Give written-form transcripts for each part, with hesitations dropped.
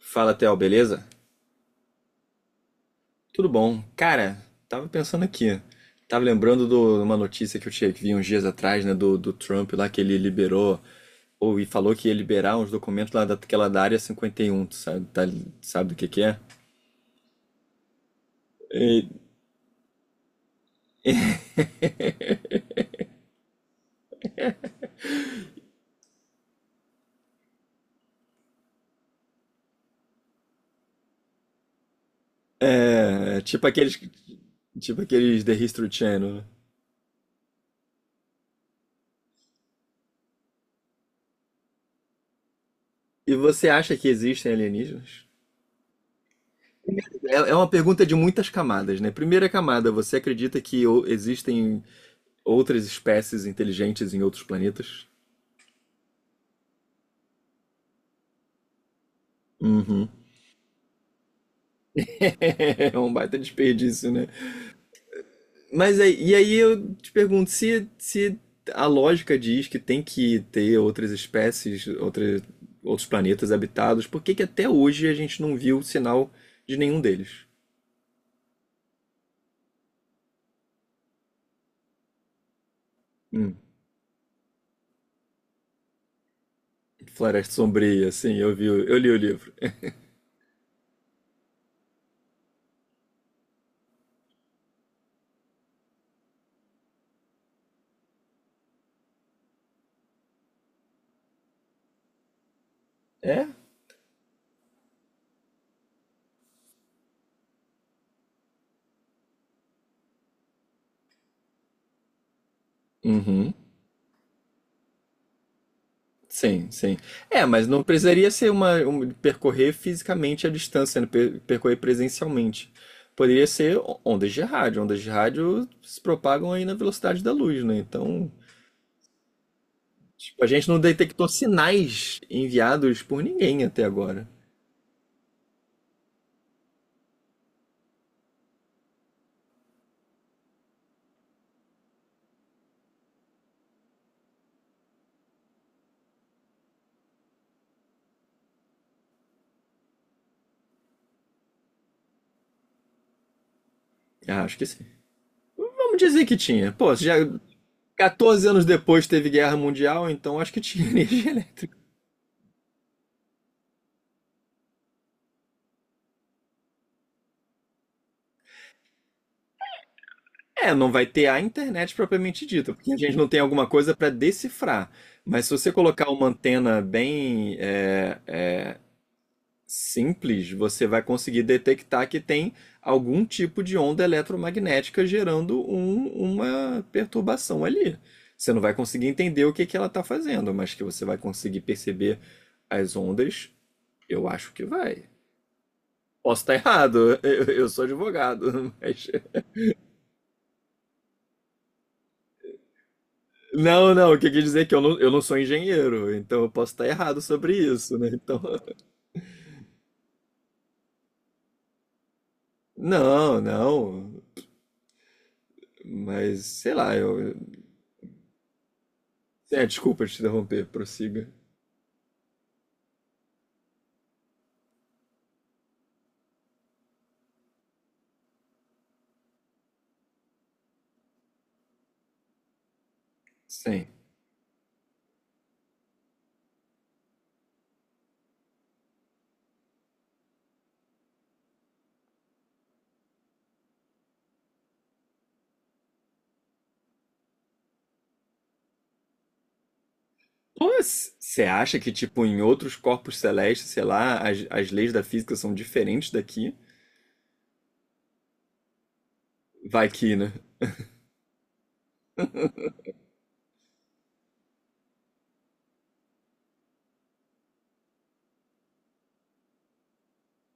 Fala, Theo, beleza? Tudo bom. Cara, tava pensando aqui. Tava lembrando de uma notícia que eu tinha, que vi uns dias atrás, né, do Trump lá, que ele liberou, ou e falou que ia liberar uns documentos lá daquela da Área 51, tu sabe, sabe do que é? E- É, tipo aqueles The History Channel, né? E você acha que existem alienígenas? É uma pergunta de muitas camadas, né? Primeira camada, você acredita que existem outras espécies inteligentes em outros planetas? Uhum. É um baita desperdício, né? Mas aí, e aí eu te pergunto, se a lógica diz que tem que ter outras espécies, outros planetas habitados, por que que até hoje a gente não viu sinal de nenhum deles? Hum. Floresta Sombria, sim, eu vi, eu li o livro. É? Uhum. Sim, sim. É, mas não precisaria ser percorrer fisicamente a distância, né? Percorrer presencialmente. Poderia ser ondas de rádio. Ondas de rádio se propagam aí na velocidade da luz, né? Então, tipo, a gente não detectou sinais enviados por ninguém até agora. Ah, acho que sim. Vamos dizer que tinha. Pô, já 14 anos depois teve guerra mundial, então acho que tinha energia elétrica. É, não vai ter a internet propriamente dita, porque a gente não tem alguma coisa para decifrar. Mas se você colocar uma antena bem simples, você vai conseguir detectar que tem algum tipo de onda eletromagnética gerando uma perturbação ali. Você não vai conseguir entender o que que ela está fazendo, mas que você vai conseguir perceber as ondas, eu acho que vai. Posso estar errado, eu sou advogado, mas não, não, o que eu quis dizer é que eu não sou engenheiro, então eu posso estar errado sobre isso, né? Então, não, não, mas sei lá, eu. É, desculpa te interromper, prossiga. Sim. Você acha que, tipo, em outros corpos celestes, sei lá, as leis da física são diferentes daqui? Vai que, né?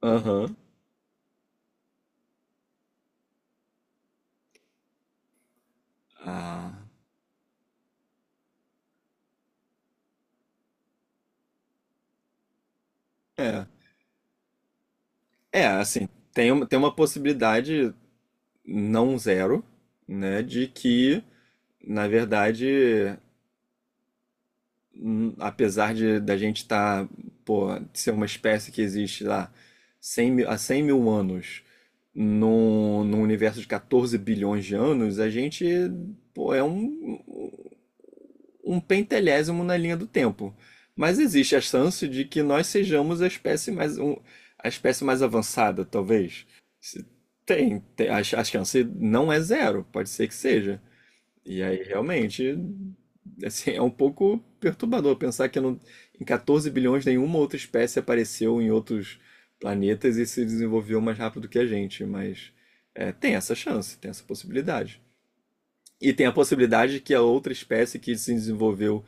Aham. Ah. É. É, assim, tem uma possibilidade não zero, né, de que, na verdade, apesar de da gente estar, pô, ser uma espécie que existe lá 100 mil, há 100 mil anos, num universo de 14 bilhões de anos, a gente, pô, é um pentelésimo na linha do tempo. Mas existe a chance de que nós sejamos a espécie mais avançada, talvez. Se- tem a chance não é zero, pode ser que seja. E aí, realmente, assim, é um pouco perturbador pensar que em 14 bilhões nenhuma outra espécie apareceu em outros planetas e se desenvolveu mais rápido que a gente, mas é, tem essa chance, tem essa possibilidade. E tem a possibilidade que a outra espécie que se desenvolveu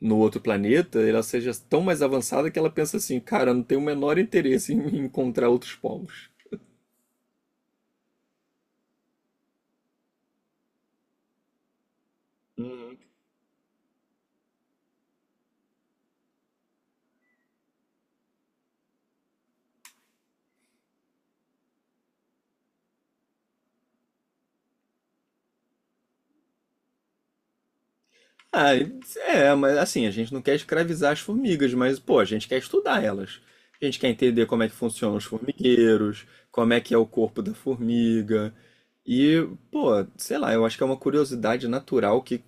no outro planeta, ela seja tão mais avançada que ela pensa assim, cara, não tem o menor interesse em encontrar outros povos. Ah, é, mas assim, a gente não quer escravizar as formigas, mas pô, a gente quer estudar elas. A gente quer entender como é que funcionam os formigueiros, como é que é o corpo da formiga. E, pô, sei lá, eu acho que é uma curiosidade natural que,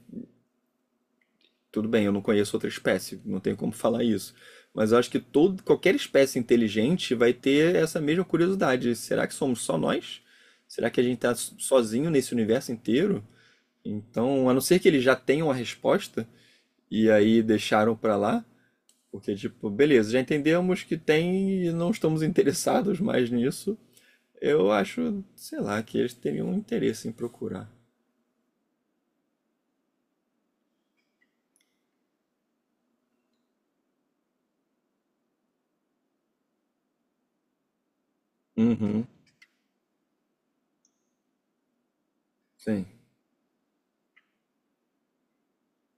tudo bem, eu não conheço outra espécie, não tenho como falar isso. Mas eu acho que todo, qualquer espécie inteligente vai ter essa mesma curiosidade. Será que somos só nós? Será que a gente está sozinho nesse universo inteiro? Então, a não ser que eles já tenham a resposta, e aí deixaram pra lá, porque tipo, beleza, já entendemos que tem e não estamos interessados mais nisso. Eu acho, sei lá, que eles teriam interesse em procurar. Uhum, sim.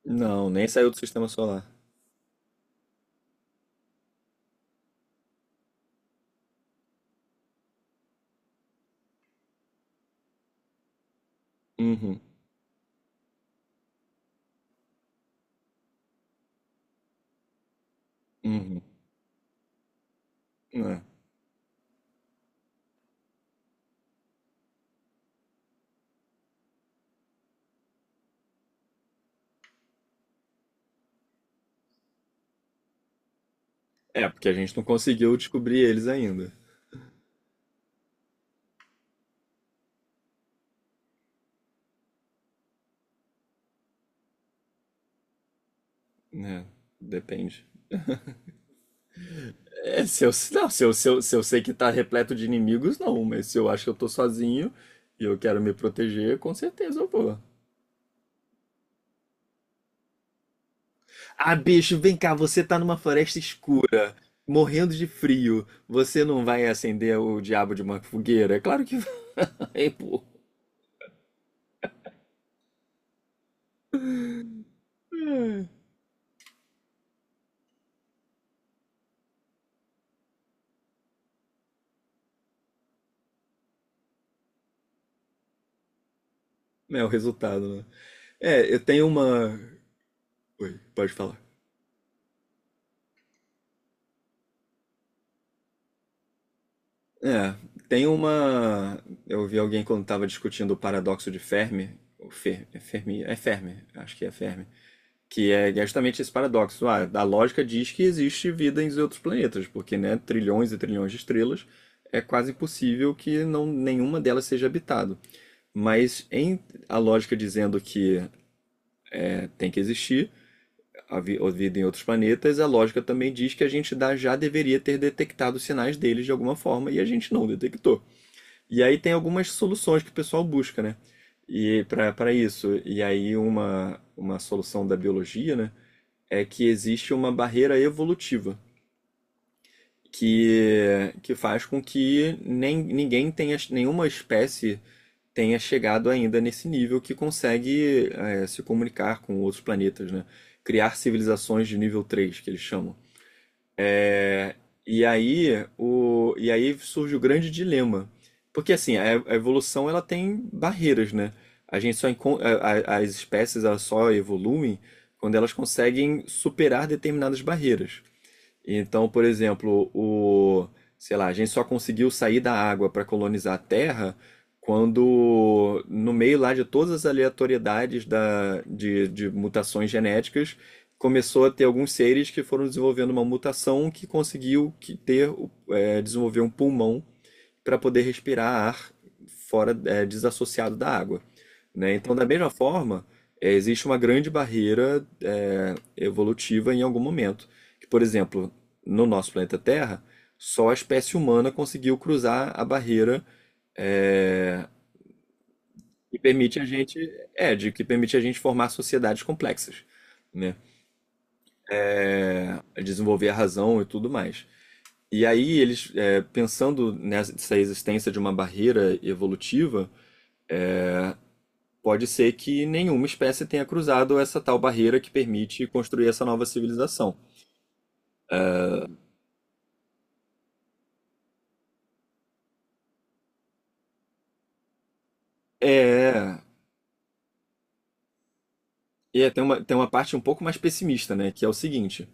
Não, nem saiu do sistema solar. Uhum, uhum. É, É, porque a gente não conseguiu descobrir eles ainda, né? Depende. É, se eu, não, se eu sei que tá repleto de inimigos, não, mas se eu acho que eu tô sozinho e eu quero me proteger, com certeza eu vou. Ah, bicho, vem cá, você tá numa floresta escura, morrendo de frio. Você não vai acender o diabo de uma fogueira? É claro que vai, pô. É o resultado, né? É, eu tenho uma. Oi, pode falar. É, tem uma. Eu vi alguém quando tava discutindo o paradoxo de Fermi, ou Fer... é Fermi? É Fermi, acho que é Fermi. Que é justamente esse paradoxo. Ah, a lógica diz que existe vida em outros planetas, porque, né, trilhões e trilhões de estrelas, é quase impossível que não, nenhuma delas seja habitada. Mas a lógica dizendo que tem que existir a vida em outros planetas, a lógica também diz que a gente já deveria ter detectado os sinais deles de alguma forma e a gente não detectou. E aí tem algumas soluções que o pessoal busca, né? E para isso, e aí uma solução da biologia, né? É que existe uma barreira evolutiva que faz com que nem, ninguém tenha, nenhuma espécie tenha chegado ainda nesse nível que consegue se comunicar com outros planetas, né? Criar civilizações de nível 3 que eles chamam. E aí, e aí surge o grande dilema. Porque assim, a evolução ela tem barreiras, né? A gente só as espécies elas só evoluem quando elas conseguem superar determinadas barreiras. Então, por exemplo, sei lá, a gente só conseguiu sair da água para colonizar a Terra quando, no meio lá de todas as aleatoriedades de mutações genéticas, começou a ter alguns seres que foram desenvolvendo uma mutação que conseguiu que ter, desenvolver um pulmão para poder respirar ar fora, desassociado da água, né? Então, da mesma forma, existe uma grande barreira evolutiva em algum momento. Que, por exemplo, no nosso planeta Terra, só a espécie humana conseguiu cruzar a barreira é, que permite a gente, é, de que permite a gente formar sociedades complexas, né? É, desenvolver a razão e tudo mais. E aí eles, pensando nessa existência de uma barreira evolutiva, pode ser que nenhuma espécie tenha cruzado essa tal barreira que permite construir essa nova civilização. É. E tem uma parte um pouco mais pessimista, né? Que é o seguinte: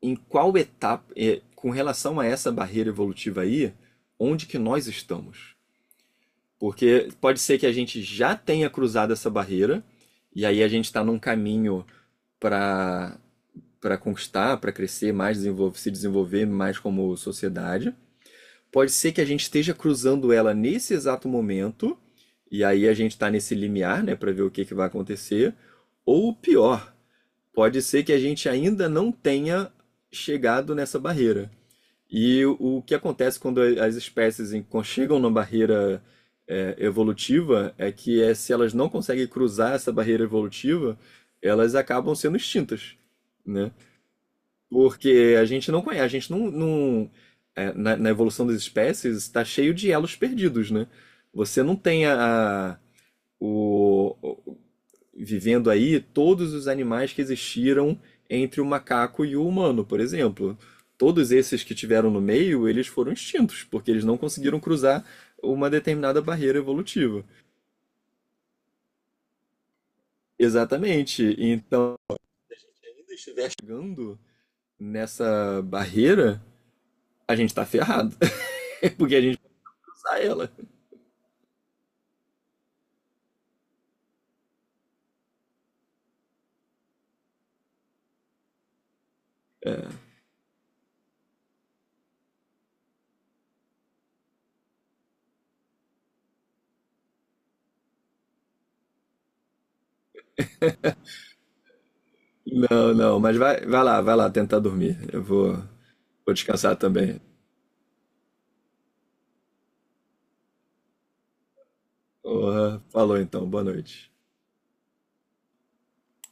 em qual etapa, com relação a essa barreira evolutiva aí, onde que nós estamos? Porque pode ser que a gente já tenha cruzado essa barreira, e aí a gente está num caminho para para conquistar, para crescer mais, se desenvolver mais como sociedade. Pode ser que a gente esteja cruzando ela nesse exato momento, e aí a gente está nesse limiar, né, para ver o que que vai acontecer. Ou pior, pode ser que a gente ainda não tenha chegado nessa barreira. E o que acontece quando as espécies chegam na barreira evolutiva é que se elas não conseguem cruzar essa barreira evolutiva, elas acabam sendo extintas, né? Porque a gente não conhece, a gente na evolução das espécies está cheio de elos perdidos, né? Você não tem o, o- vivendo aí todos os animais que existiram entre o macaco e o humano, por exemplo. Todos esses que tiveram no meio, eles foram extintos, porque eles não conseguiram cruzar uma determinada barreira evolutiva. Exatamente. Então, chegando nessa barreira, a gente está ferrado, porque a gente vai cruzar ela. Não, não, mas vai lá tentar dormir. Eu vou descansar também. Porra, falou então, boa noite.